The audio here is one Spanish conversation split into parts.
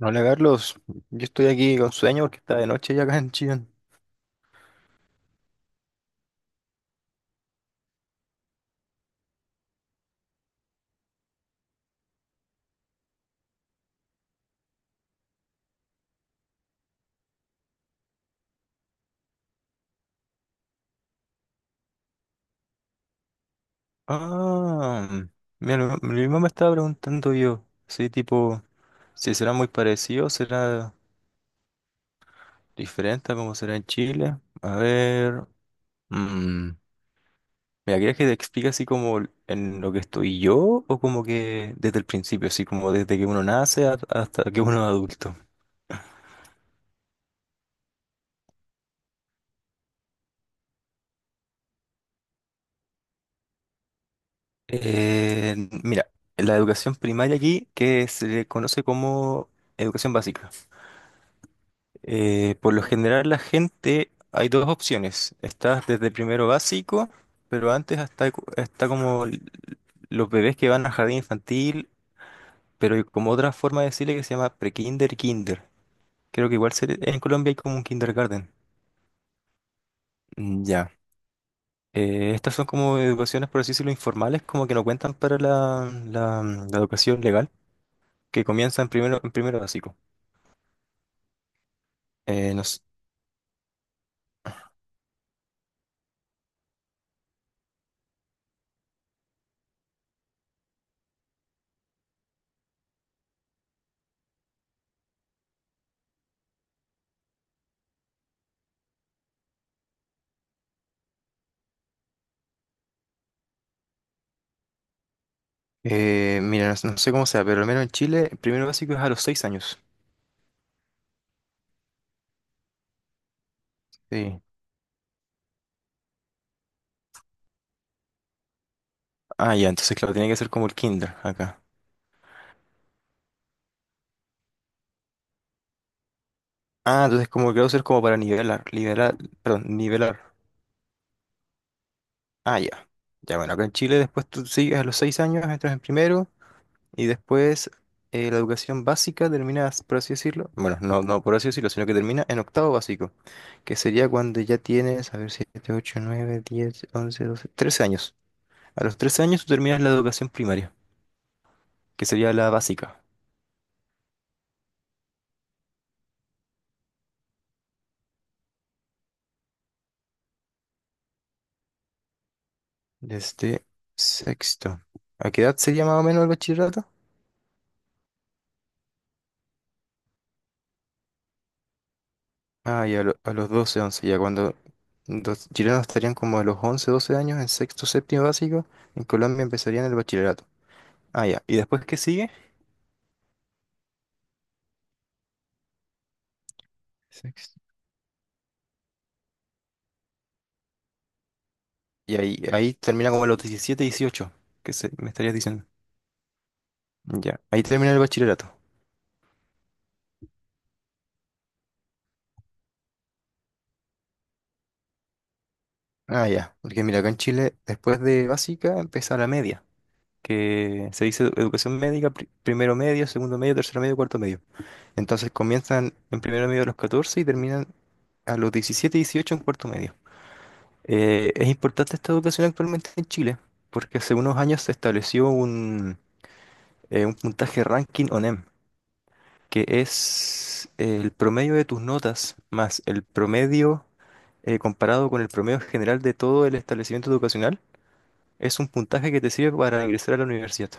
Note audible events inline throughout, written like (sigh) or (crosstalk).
Hola Carlos, yo estoy aquí con sueño porque está de noche ya acá en Chillán. Ah, mira, mi mamá me estaba preguntando yo, sí, tipo, si será muy parecido, será diferente a como será en Chile. A ver, mm, mira, ¿quieres que te explique así como en lo que estoy yo o como que desde el principio, así como desde que hasta que uno es adulto? Eh, mira, la educación primaria aquí, que se le conoce como educación básica. Por lo general la gente, hay dos opciones. Estás desde primero básico, pero antes está los bebés que van a jardín infantil, pero hay como otra forma de decirle que se llama pre-kinder y kinder. Creo que en Colombia hay como un kindergarten. Mm, ya. Estas son como educaciones, por así decirlo, informales, como que no cuentan para la educación legal, que comienza en primero básico. Eh, no s- mira, no sé cómo sea, pero al menos en Chile, primero básico es a los seis años. Sí. Ah, ya, entonces claro, tiene que ser como el kinder acá. Ah, entonces como que va a ser como para nivelar. Ah, ya. Ya, bueno, acá en Chile después tú sigues a los seis años, entras en primero y después la educación básica terminas, por así decirlo, bueno, no por así decirlo, sino que termina en octavo básico, que sería cuando ya tienes, a ver, siete, ocho, nueve, diez, once, doce, trece años. A los trece años tú terminas la educación primaria, que sería la básica, desde sexto. ¿A qué edad sería más o menos el bachillerato? A los 12 11 ya cuando los chilenos estarían como a los 11 12 años en sexto, séptimo básico, en Colombia empezarían el bachillerato. Ah, ya. ¿Y después qué sigue? Sexto. Y ahí termina como a los 17 18 que se, me estarías diciendo. Ya, ahí termina el bachillerato. Ah, ya, porque mira, acá en Chile, después de básica, empieza la media, que se dice educación médica, primero medio, segundo medio, tercero medio, cuarto medio. Entonces comienzan en primero medio a los 14 y terminan a los 17 18 en cuarto medio. Es importante esta educación actualmente en Chile, porque hace unos años se estableció un puntaje ranking ONEM, que es el promedio de tus notas más el promedio comparado con el promedio general de todo el establecimiento educacional. Es un puntaje que te sirve para ingresar a la universidad.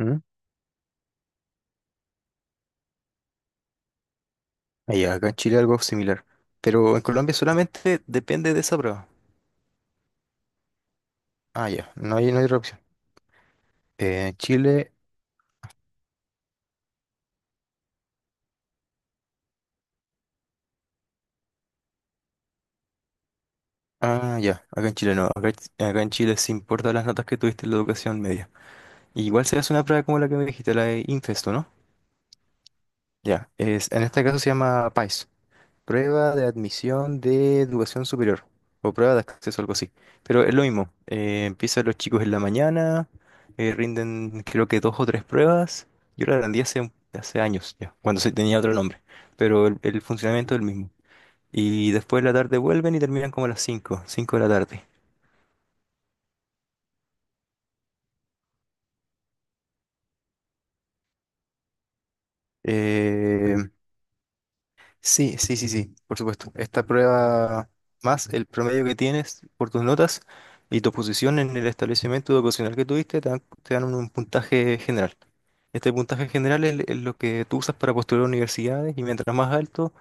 ¿Mm? Ah, acá en Chile algo similar, pero en Colombia solamente depende de esa prueba. Ah, ya, no hay otra opción. En Chile ah, ya, acá en Chile no, acá, acá en Chile se importan las notas que tuviste en la educación media. Igual se hace una prueba como la que me dijiste, la de Infesto, ¿no? Ya, es, en este caso se llama PAES, Prueba de Admisión de Educación Superior, o Prueba de Acceso, algo así. Pero es lo mismo, empiezan los chicos en la mañana, rinden creo que dos o tres pruebas. Yo la rendí hace años ya, cuando se tenía otro nombre, pero el funcionamiento es el mismo. Y después de la tarde vuelven y terminan como a las cinco, cinco de la tarde. Eh, Sí, sí, sí, sí, por supuesto. Esta prueba más el promedio que tienes por tus notas y tu posición en el establecimiento educacional que tuviste te te dan un puntaje general. Este puntaje general es lo que tú usas para postular a universidades y mientras más alto,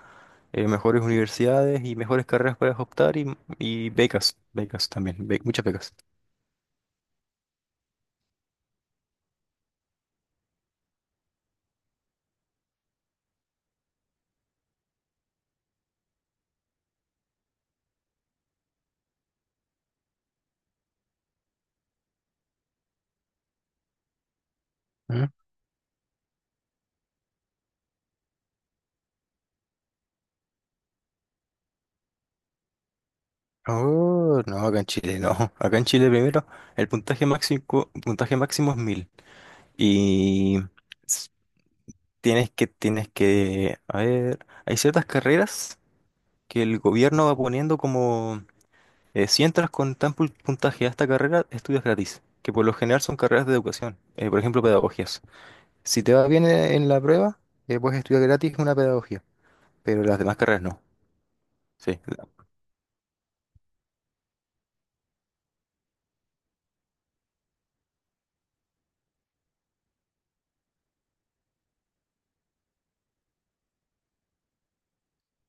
mejores universidades y mejores carreras puedes optar y becas, becas también, muchas becas. ¿Mm? Oh, no, acá en Chile no. (laughs) Acá en Chile primero el puntaje máximo es 1000 y tienes que tienes que, a ver, hay ciertas carreras que el gobierno va poniendo como, si entras con puntaje a esta carrera, estudias gratis, que por lo general son carreras de educación, por ejemplo, pedagogías. Si te va bien en la prueba, puedes estudiar gratis una pedagogía, pero las demás carreras no. Sí,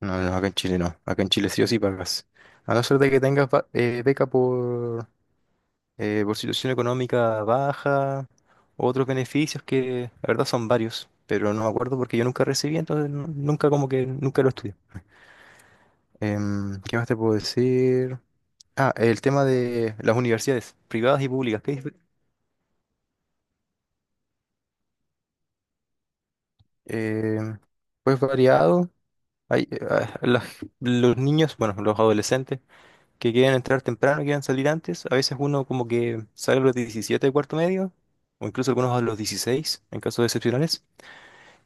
no, acá en Chile no, acá en Chile sí o sí pagas. A no ser de que beca por situación económica baja, otros beneficios que la verdad son varios, pero no me acuerdo porque yo nunca recibí, entonces nunca como que nunca lo estudié. ¿Qué más te puedo decir? Ah, el tema de las universidades privadas y públicas, em, pues variado. Hay, eh, ah, las- los niños, bueno, los adolescentes que quieren entrar temprano, quieren salir antes. A veces uno como que sale a los 17 de cuarto medio, o incluso algunos a los 16 en casos excepcionales.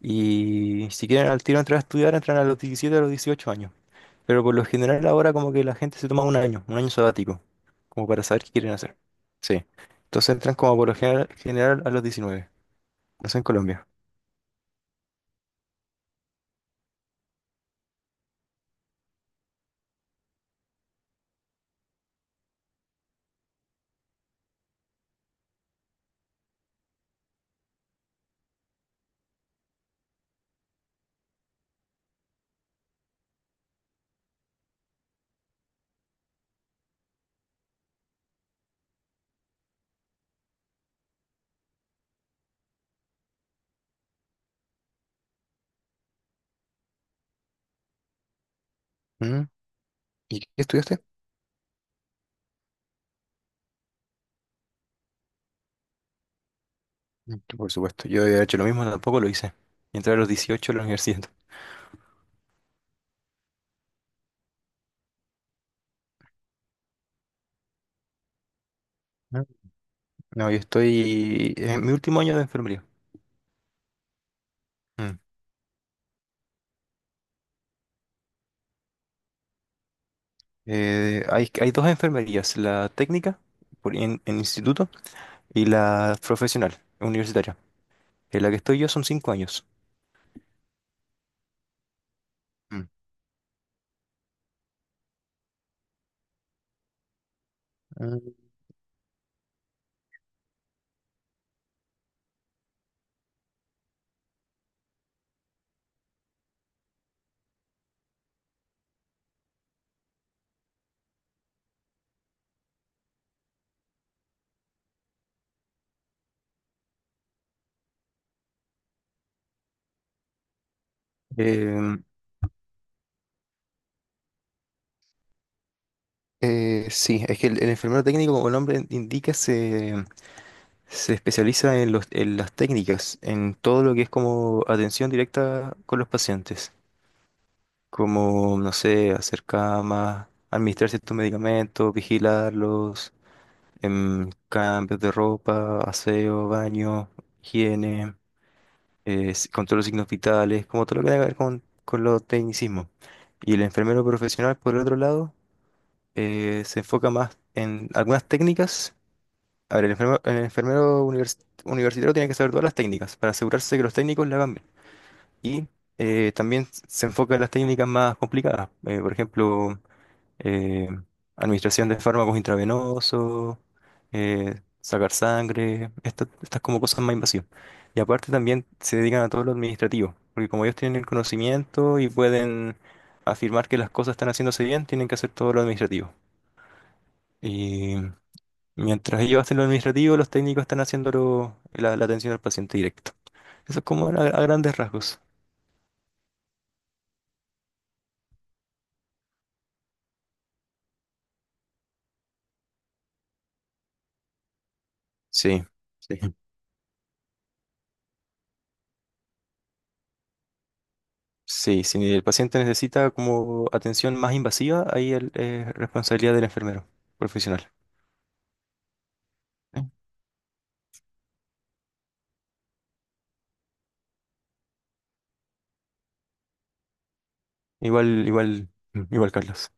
Y si quieren al tiro entrar a estudiar, entran a los 17 a los 18 años. Pero por lo general ahora como que la gente se toma un año sabático, como para saber qué quieren hacer. Sí. Entonces entran como por lo general, general a los diecinueve. No sé en Colombia. ¿Mm? ¿Y qué estudiaste? Mm, por supuesto, yo he hecho lo mismo, tampoco lo hice. Entré a los dieciocho a la universidad. Mm. No, yo estoy en mi último año de enfermería. Mm. Hay, hay dos enfermerías, la técnica en instituto y la profesional, universitaria. En la que estoy yo son cinco años. Mm. Ah, Em, sí, es que el enfermero técnico, como el nombre indica, se especializa en en las técnicas, en todo lo que es como atención directa con los pacientes, como, no sé, hacer camas, administrar ciertos medicamentos, vigilarlos, em, cambios de ropa, aseo, baño, higiene. Con todos los signos vitales, como todo lo que tenga que ver con los tecnicismos. Y el enfermero profesional, por el otro lado, se enfoca más en algunas técnicas. A ver, el enfermero universitario tiene que saber todas las técnicas para asegurarse que los técnicos la hagan bien. Y también se enfoca en las técnicas más complicadas. Por ejemplo, eh, administración de fármacos intravenosos, sacar sangre, estas como cosas más invasivas. Y aparte también se dedican a todo lo administrativo, porque como ellos tienen el conocimiento y pueden afirmar que las cosas están haciéndose bien, tienen que hacer todo lo administrativo. Y mientras ellos hacen lo administrativo, los técnicos están haciendo la atención al paciente directo. Eso es como a grandes rasgos. Sí, sí. Sí, si el paciente necesita como atención más invasiva, ahí es responsabilidad del enfermero profesional. ¿Eh? Igual, igual, igual, Carlos.